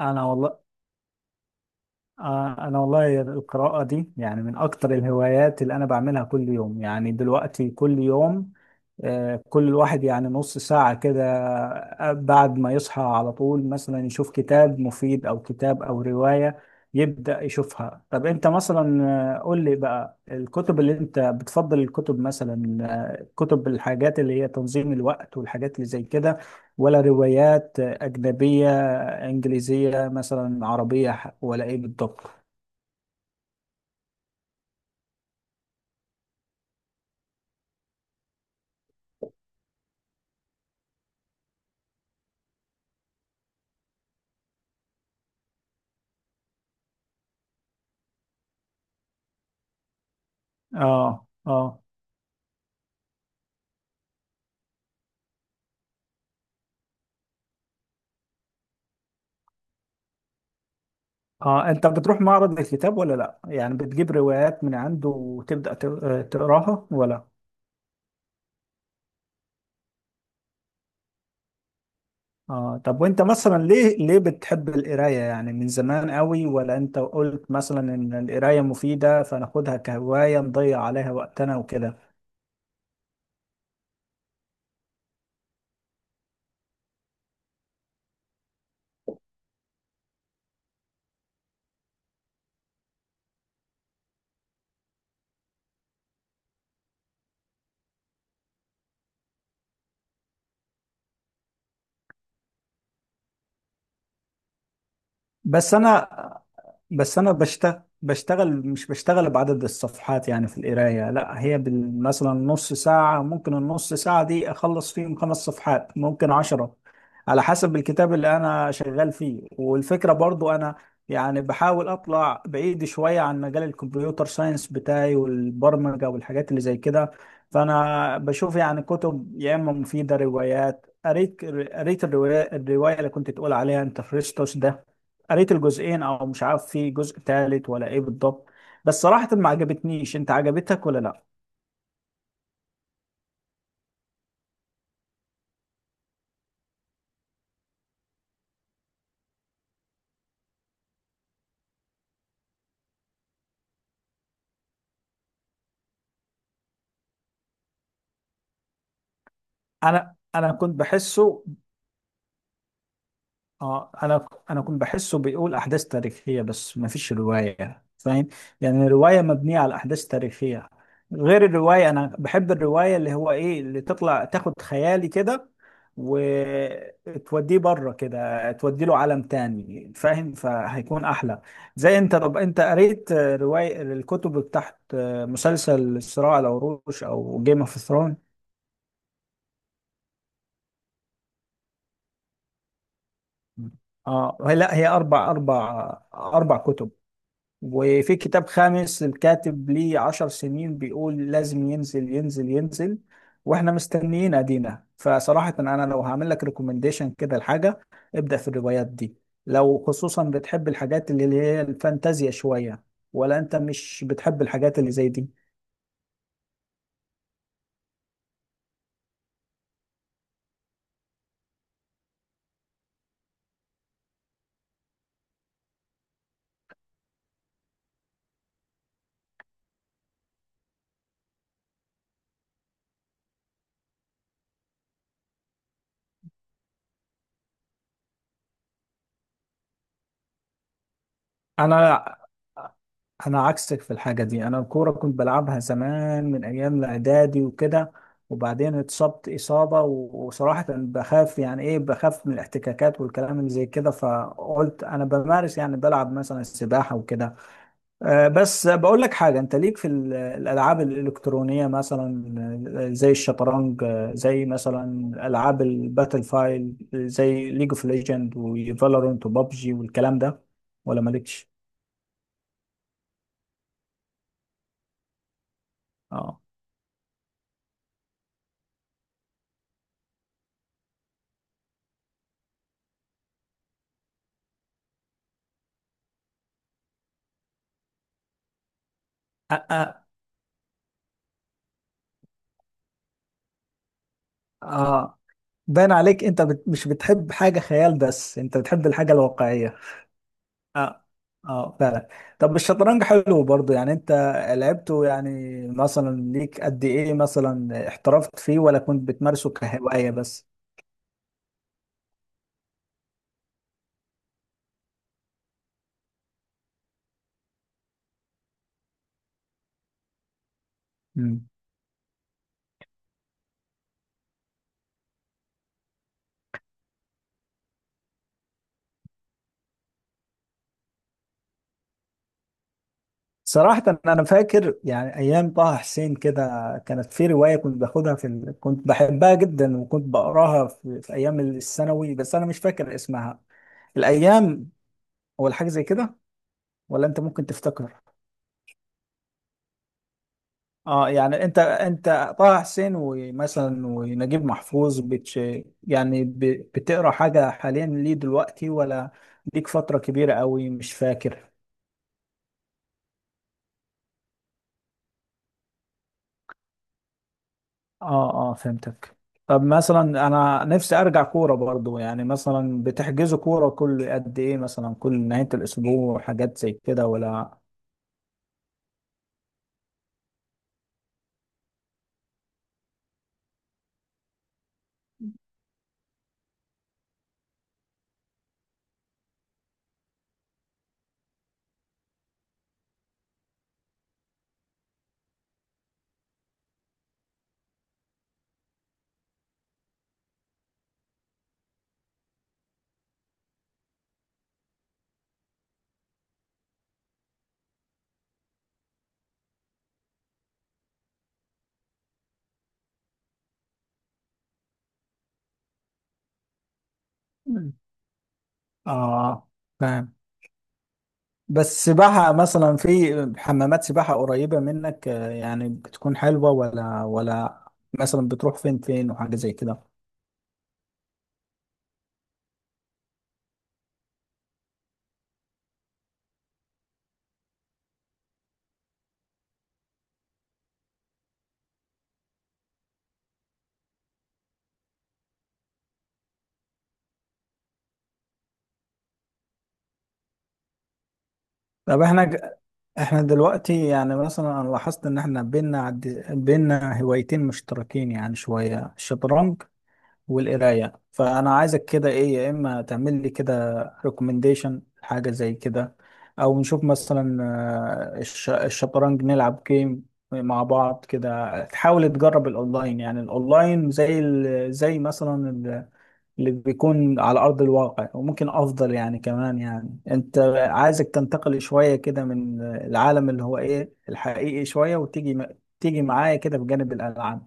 انا والله. القراءة دي يعني من اكتر الهوايات اللي انا بعملها كل يوم، يعني دلوقتي كل يوم. كل الواحد يعني نص ساعة كده، بعد ما يصحى على طول مثلا يشوف كتاب مفيد او كتاب او رواية يبدأ يشوفها. طب انت مثلا، قول لي بقى الكتب اللي انت بتفضل، الكتب مثلا كتب الحاجات اللي هي تنظيم الوقت والحاجات اللي زي كده، ولا روايات أجنبية انجليزيه مثلا، عربيه ولا ايه بالضبط؟ اه، اه، اه، انت بتروح معرض الكتاب ولا لا؟ يعني بتجيب روايات من عنده وتبدا تقراها ولا؟ اه، طب وانت مثلا ليه ليه بتحب القرايه؟ يعني من زمان قوي، ولا انت قلت مثلا ان القرايه مفيده فناخدها كهوايه نضيع عليها وقتنا وكده؟ بس انا بس انا بشتغل مش بشتغل بعدد الصفحات يعني في القرايه. لا هي مثلا نص ساعه، ممكن النص ساعه دي اخلص فيهم 5 صفحات ممكن 10، على حسب الكتاب اللي انا شغال فيه. والفكره برضو انا يعني بحاول اطلع بعيد شويه عن مجال الكمبيوتر ساينس بتاعي والبرمجه والحاجات اللي زي كده. فانا بشوف يعني كتب يا اما مفيده، روايات. قريت الروايه اللي كنت تقول عليها انت، فريستوس ده. قريت الجزئين او مش عارف في جزء تالت ولا ايه بالضبط. بس صراحة ما عجبتنيش. انت عجبتك ولا لا؟ انا كنت بحسه. اه، انا كنت بحسه بيقول احداث تاريخيه بس ما فيش روايه، فاهم؟ يعني الروايه مبنيه على احداث تاريخيه. غير الروايه، انا بحب الروايه اللي هو ايه اللي تطلع تاخد خيالي كده وتوديه بره كده، تودي له عالم تاني، فاهم؟ فهيكون احلى. زي، انت طب انت قريت روايه الكتب بتاعت مسلسل صراع العروش او جيم اوف ثرون؟ اه، لا هي اربع كتب وفي كتاب خامس، الكاتب ليه 10 سنين بيقول لازم ينزل ينزل ينزل. واحنا مستنيين ادينا. فصراحة انا لو هعمل لك ريكومنديشن كده لحاجة، ابدأ في الروايات دي، لو خصوصا بتحب الحاجات اللي هي الفانتازيا شوية. ولا انت مش بتحب الحاجات اللي زي دي؟ انا انا عكسك في الحاجه دي. انا الكوره كنت بلعبها زمان من ايام الاعدادي وكده، وبعدين اتصبت اصابه وصراحه بخاف، يعني ايه، بخاف من الاحتكاكات والكلام اللي زي كده. فقلت انا بمارس يعني بلعب مثلا السباحه وكده. بس بقول لك حاجه، انت ليك في الالعاب الالكترونيه مثلا؟ زي الشطرنج، زي مثلا العاب الباتل فايل زي ليج اوف ليجند وفالورنت وبابجي والكلام ده، ولا مالكش؟ اه. أ- أ- اه، باين عليك انت مش بتحب حاجة خيال، بس انت بتحب الحاجة الواقعية. اه، اه فعلا. طب الشطرنج حلو برضو يعني، انت لعبته يعني، مثلا ليك قد ايه؟ مثلا احترفت فيه ولا كنت بتمارسه كهواية بس؟ مم. صراحة انا فاكر يعني ايام طه حسين كده كانت في رواية كنت باخدها كنت بحبها جدا وكنت بقراها في ايام الثانوي بس انا مش فاكر اسمها. الايام، ولا حاجة زي كده، ولا انت ممكن تفتكر؟ اه يعني انت انت طه حسين ومثلا ونجيب محفوظ، يعني بتقرا حاجه حاليا ليه دلوقتي، ولا ليك فتره كبيره قوي مش فاكر؟ اه، اه فهمتك. طب مثلا انا نفسي ارجع كوره برضو. يعني مثلا بتحجزوا كوره كل قد ايه؟ مثلا كل نهايه الاسبوع حاجات زي كده ولا؟ مم. اه، فاهم. بس سباحة مثلا في حمامات سباحة قريبة منك، يعني بتكون حلوة، ولا ولا مثلا بتروح فين فين وحاجة زي كده؟ طب احنا احنا دلوقتي يعني مثلا انا لاحظت ان احنا بينا هوايتين مشتركين يعني، شوية الشطرنج والقراية. فأنا عايزك كده، إيه، يا إما تعمل لي كده ريكومنديشن حاجة زي كده، أو نشوف مثلا، الشطرنج، نلعب جيم مع بعض كده. تحاول تجرب الأونلاين، يعني الأونلاين زي زي مثلا اللي بيكون على أرض الواقع، وممكن أفضل يعني كمان. يعني أنت عايزك تنتقل شوية كده من العالم اللي هو إيه الحقيقي شوية، وتيجي تيجي معايا كده بجانب الألعاب.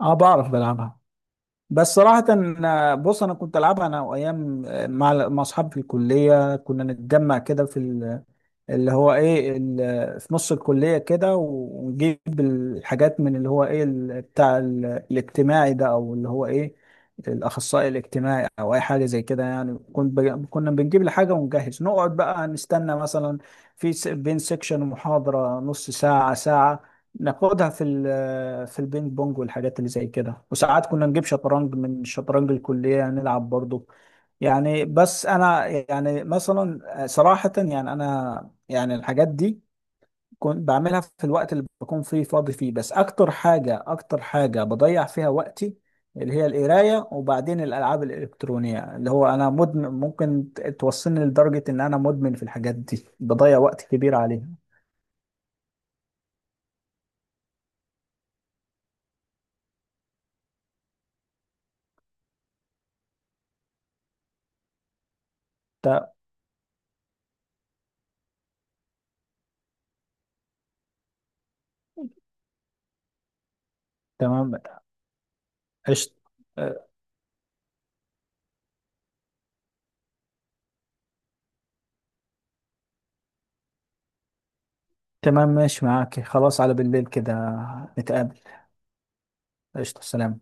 أه، بعرف بلعبها. بس صراحة أنا- بص أنا كنت ألعبها أنا وأيام، مع أصحابي في الكلية كنا نتجمع كده اللي هو ايه في نص الكلية كده، ونجيب الحاجات من اللي هو ايه بتاع الاجتماعي ده، او اللي هو ايه الاخصائي الاجتماعي او اي حاجة زي كده يعني. كنا بنجيب الحاجة ونجهز، نقعد بقى نستنى مثلا بين سيكشن محاضرة نص ساعة ساعة، ناخدها في البينج بونج والحاجات اللي زي كده. وساعات كنا نجيب شطرنج من شطرنج الكلية نلعب برضه يعني. بس انا يعني مثلا، صراحة يعني انا يعني الحاجات دي كنت بعملها في الوقت اللي بكون فيه فاضي فيه. بس اكتر حاجة، اكتر حاجة بضيع فيها وقتي اللي هي القراية، وبعدين الالعاب الالكترونية، اللي هو انا مدمن، ممكن توصلني لدرجة ان انا مدمن في الحاجات دي، بضيع وقت كبير عليها. ت- تمام. قشطة. أه، تمام، ماشي معاك خلاص، على بالليل كده نتقابل. قشطة، سلام.